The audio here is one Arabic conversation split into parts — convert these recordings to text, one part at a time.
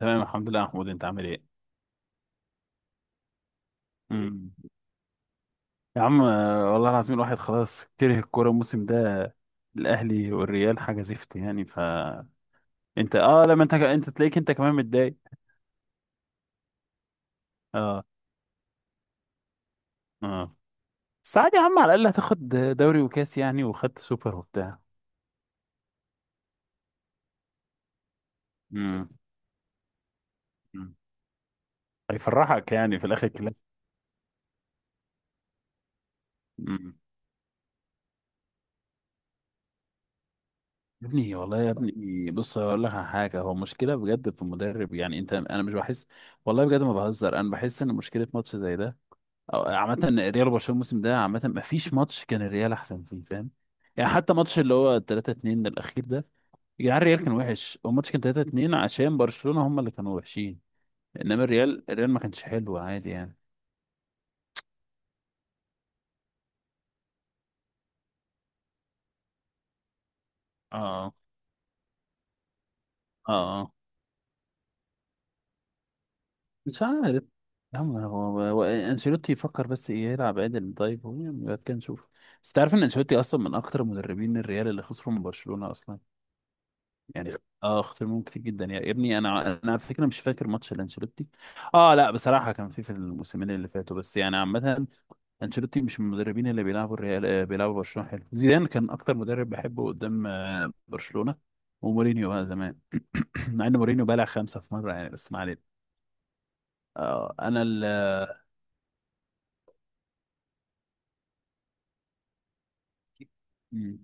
تمام، الحمد لله يا محمود، انت عامل ايه؟ مم. يا عم والله العظيم، الواحد خلاص كره الكوره الموسم ده. الاهلي والريال حاجه زفت يعني. انت لما انت تلاقيك انت كمان متضايق. اه. اه. بس عادي يا عم، على الاقل هتاخد دوري وكاس يعني، وخدت سوبر وبتاع. امم. امم. هيفرحك يعني في الاخر كلاس. امم. يا ابني، والله يا ابني، بص هقول لك على حاجه، هو مشكله بجد في المدرب يعني. انت انا مش بحس. والله بجد ما بهزر، انا بحس ان مشكله ماتش زي ده. عامة الريال وبرشلونة الموسم ده، عامة ما فيش ماتش كان الريال أحسن فيه، فاهم؟ يعني حتى ماتش اللي هو 3-2 الأخير ده. يا جدعان، الريال كان وحش، هو الماتش كان 3-2 عشان برشلونة هم اللي كانوا وحشين. إنما الريال ما كانش حلو عادي يعني. اه. اه. اه. مش عارف. يا عم، هو انشيلوتي يفكر بس إيه يلعب عدل. طيب هو يعني بعد كده نشوف. بس تعرف ان انشيلوتي اصلا من اكتر مدربين الريال اللي خسروا من برشلونة اصلا. يعني. اه، اختيار كتير جدا يا ابني، انا على فكره مش فاكر ماتش لانشيلوتي. اه لا بصراحه كان في الموسمين اللي فاتوا، بس يعني عامه. انشيلوتي مش من المدربين اللي بيلعبوا الريال، بيلعبوا برشلونه حلو. زيدان كان اكتر مدرب بحبه قدام برشلونه. ومورينيو بقى زمان. مع ان مورينيو بلع 5 في مره يعني، بس ما علينا. انا ال. مم.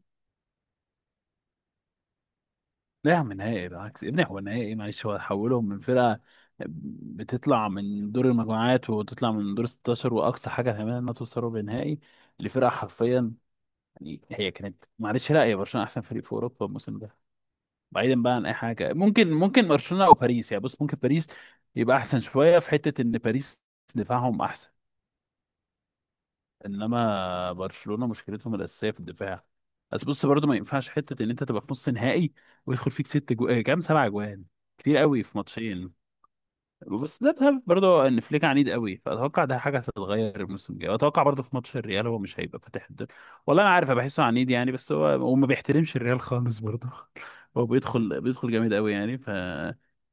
لا يا عم، نهائي بالعكس يا ابني، هو نهائي، معلش هو حولهم من فرقة بتطلع من دور المجموعات وتطلع من دور 16، وأقصى حاجة تعملها إنها توصل ربع نهائي لفرقة، حرفيا. يعني هي كانت معلش، لا، هي برشلونة أحسن فريق في أوروبا الموسم ده. بعيدا بقى عن أي حاجة، ممكن برشلونة أو باريس يعني. بص، ممكن باريس يبقى أحسن شوية في حتة إن باريس دفاعهم أحسن. انما برشلونه مشكلتهم الاساسيه في الدفاع. بس بص، برضه ما ينفعش حته ان انت تبقى في نص نهائي ويدخل فيك ست جو... آه، كام سبع جوان، كتير قوي في ماتشين. بس ده بسبب برضه ان فليك عنيد قوي، فاتوقع ده حاجه هتتغير الموسم الجاي، واتوقع برضه في ماتش الريال هو مش هيبقى فاتح الدنيا. والله انا عارف، أنا بحسه عنيد يعني، بس هو وما بيحترمش الريال خالص برضه. هو بيدخل جامد قوي يعني.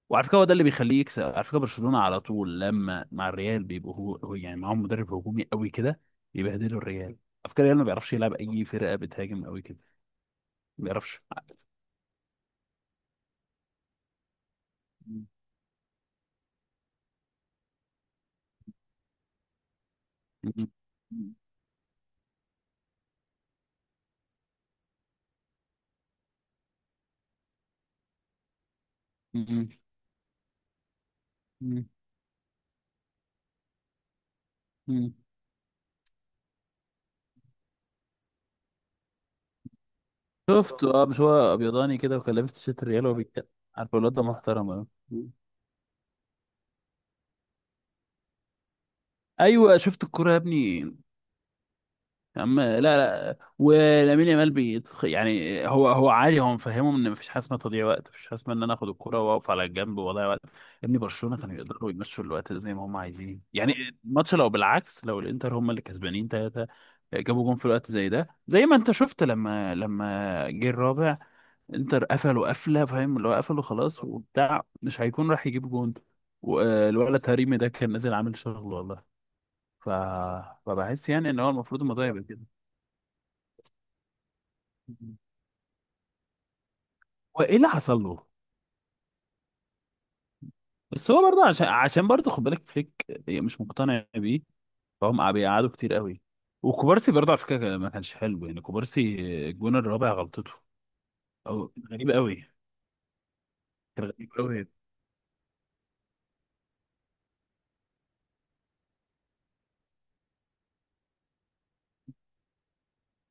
وعلى فكره هو ده اللي بيخليه يكسب، على فكره برشلونه على طول لما مع الريال بيبقوا هو يعني معاهم مدرب هجومي قوي كده. بيبهدلوا الريال، على فكره الريال ما بيعرفش يلعب اي فرقه بتهاجم قوي كده. ما بيعرفش. مم. مم. مم. مم. مم. شفت، مش هو ابيضاني كده، وكان لابس تيشيرت الريال وهو بيتكلم. عارف الواد ده محترم أوي. ايوه شفت الكوره يا ابني. يا عم، لا لا، ولامين يامال يعني هو عادي، هو مفهمه ان مفيش حاجه اسمها تضييع وقت، مفيش حاجه اسمها ان انا اخد الكرة واقف على الجنب واضيع وقت يا ابني. برشلونه كانوا يقدروا يمشوا الوقت ده زي ما هم عايزين يعني. الماتش، لو بالعكس، لو الانتر هم اللي كسبانين 3، جابوا جون في الوقت زي ده، زي ما انت شفت لما جه الرابع. انتر قفلوا قفله، فاهم اللي هو قفلوا خلاص وبتاع، مش هيكون راح يجيب جون. والولد هريمي ده كان نازل عامل شغل والله. ف... فبحس يعني ان هو المفروض الموضوع يبقى كده. وايه اللي حصل له؟ بس هو برضه عشان برضه خد بالك فليك مش مقتنع بيه. فهم بيقعدوا كتير قوي. وكوبارسي برضه على فكره ما كانش حلو يعني، كوبارسي الجون الرابع غلطته. او غريب قوي. كان غريب قوي.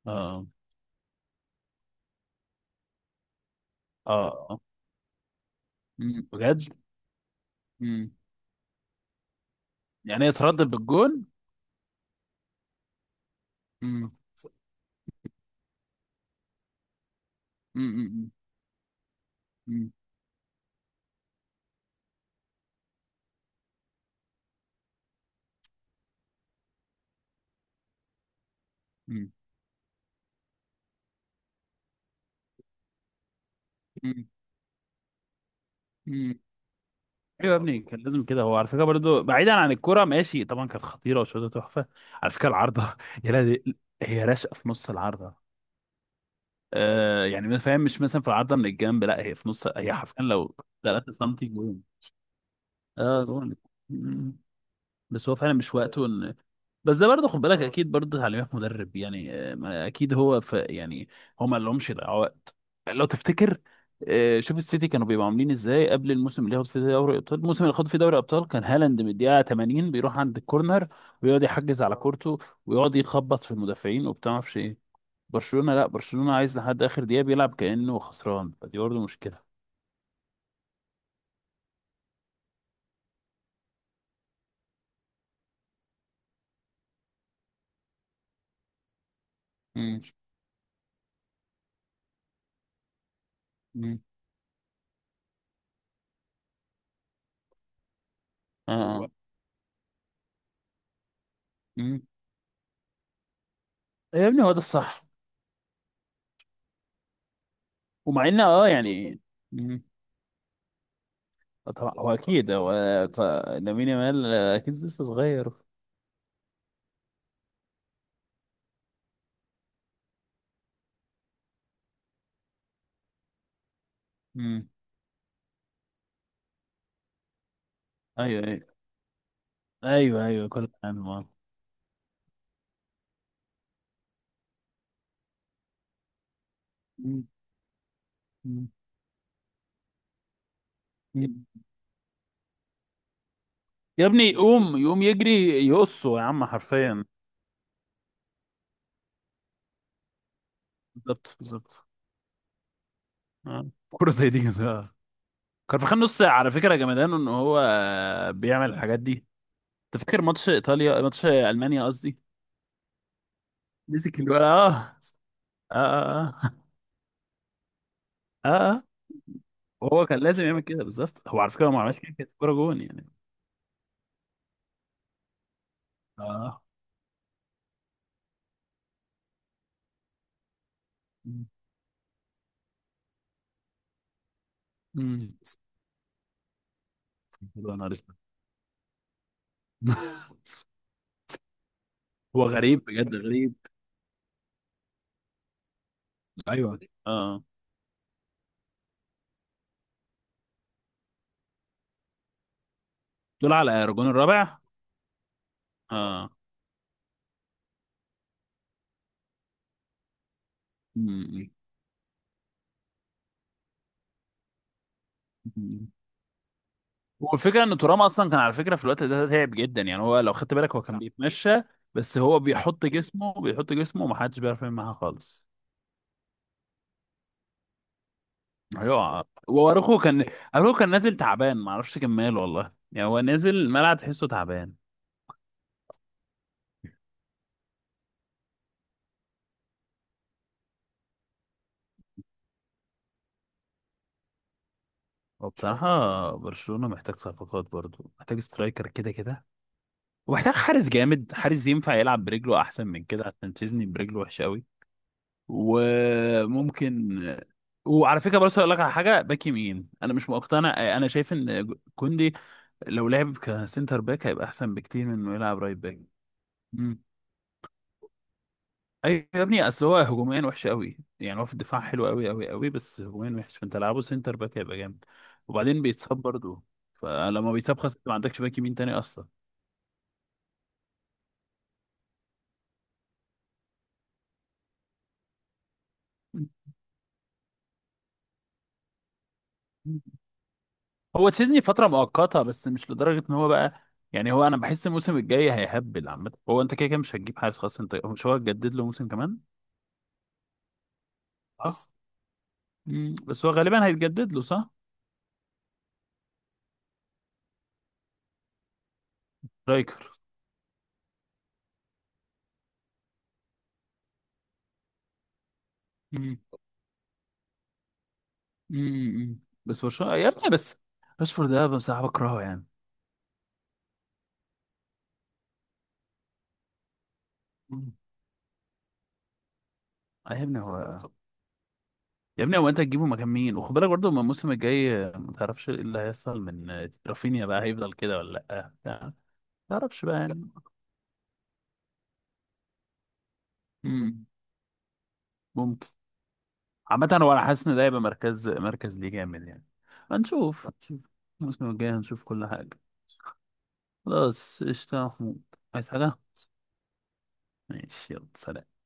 اه. اه. آه. بجد؟ أمم. يعني يتردد بالجون. أمم. أمم. أمم. أمم. أمم. أمم. ايوه يا ابني، كان لازم كده، هو على فكره برضه بعيدا عن الكوره، ماشي طبعا كانت خطيره وشوطه تحفه. على فكره العارضه. يا لهوي! هي راشقه في نص العارضه. يعني ما فاهم، مش مثلا في عرضه من الجنب، لا هي في نص، هي حرفيا لو 3 سم جون. اه جون. مم. بس هو فعلا مش وقته ان. بس ده برضه خد بالك، اكيد برضه تعليمات مدرب يعني. ما اكيد هو في يعني. هو ما لهمش يضيعوا وقت. لو تفتكر. شوف السيتي كانوا بيبقوا عاملين ازاي قبل الموسم اللي ياخد فيه دوري ابطال، الموسم اللي خد فيه دوري ابطال كان هالاند من الدقيقه 80 بيروح عند الكورنر، ويقعد يحجز على كورته، ويقعد يخبط في المدافعين وبتاع ما اعرفش ايه. برشلونة، لا، برشلونة عايز لحد آخر دقيقة بيلعب كأنه خسران، فدي برضه مشكلة. مم. مم. اه. آه. مم. يا ابني هو ده الصح. ومع ان يعني. مم. طبعا هو اكيد هو. ف- لامين يامال اكيد لسه صغير. مم. ايوه، ايوه. ايوه، ايوه، كل عام. آه. مم. مم. مم. يا ابني، يقوم يجري، يقصه يا عم، حرفيا. بالظبط، بالظبط. آه. كرة زي دي كان. كارفاخال نص ساعة، على فكرة جمدانه ان هو بيعمل الحاجات دي. تفكر ماتش ايطاليا، ماتش المانيا قصدي. مسك الولد، اه. اه. اه. اه. آه. وهو كان لازم يعمل كده بالظبط، هو على فكره هو ما عملش كده كانت كوره جون يعني. اه. امم. يا نهار اسود! هو غريب، بجد غريب. ايوه. اه. دول على رجون الرابع. اه. مم. مم. هو الفكره ان ترام اصلا كان على فكره في الوقت ده تعب جدا، يعني هو لو خدت بالك هو كان بيتمشى. بس هو بيحط جسمه، بيحط جسمه، ومحدش بيعرف يعمل معاه خالص. ايوه واروخو كان. اروخو كان نازل تعبان، ما اعرفش كان ماله والله، يعني هو نازل ملعب تحسه تعبان. وبصراحة برشلونة محتاج صفقات، برضو محتاج سترايكر كده كده. ومحتاج حارس جامد، حارس ينفع يلعب برجله احسن من كده، عشان تشيزني برجله وحشة قوي. وممكن. وعلى فكرة، بس اقول لك على حاجة، باك يمين انا مش مقتنع، انا شايف ان كوندي لو لعب كسنتر باك هيبقى احسن بكتير من انه يلعب رايت باك. ايوه يا ابني، اصل هو هجوميا وحش قوي يعني، هو في الدفاع حلو قوي قوي قوي، بس هجوميا وحش، فانت لعبه سنتر باك هيبقى جامد. وبعدين بيتصاب برضه. فلما بيتصاب خلاص، أنت ما عندكش باك يمين تاني اصلا. هو تشيزني فتره مؤقته بس، مش لدرجه ان هو بقى. يعني هو انا بحس الموسم الجاي هيهبل عامه، هو انت كده كده مش هتجيب حارس خلاص، انت مش هو هتجدد له موسم كمان. صح. مم. بس هو غالبا هيتجدد له، صح. رايكر. مم. مم. مم. بس برشلونه يا ابني بس. راشفورد ده بصراحه بكرهه يعني. مم. يا ابني هو. يا ابني هو، انت هتجيبه مكان مين؟ وخد بالك برضه من الموسم الجاي ما تعرفش ايه اللي هيحصل من رافينيا، بقى هيفضل كده ولا لا بتاع. ما تعرفش بقى يعني. مم. ممكن. عامة هو انا حاسس ان ده هيبقى مركز مركز ليه جامد يعني. هنشوف، هنشوف. الموسم الجاي هنشوف كل حاجة. خلاص قشطة يا محمود. عايز حاجة؟ ماشي يلا سلام.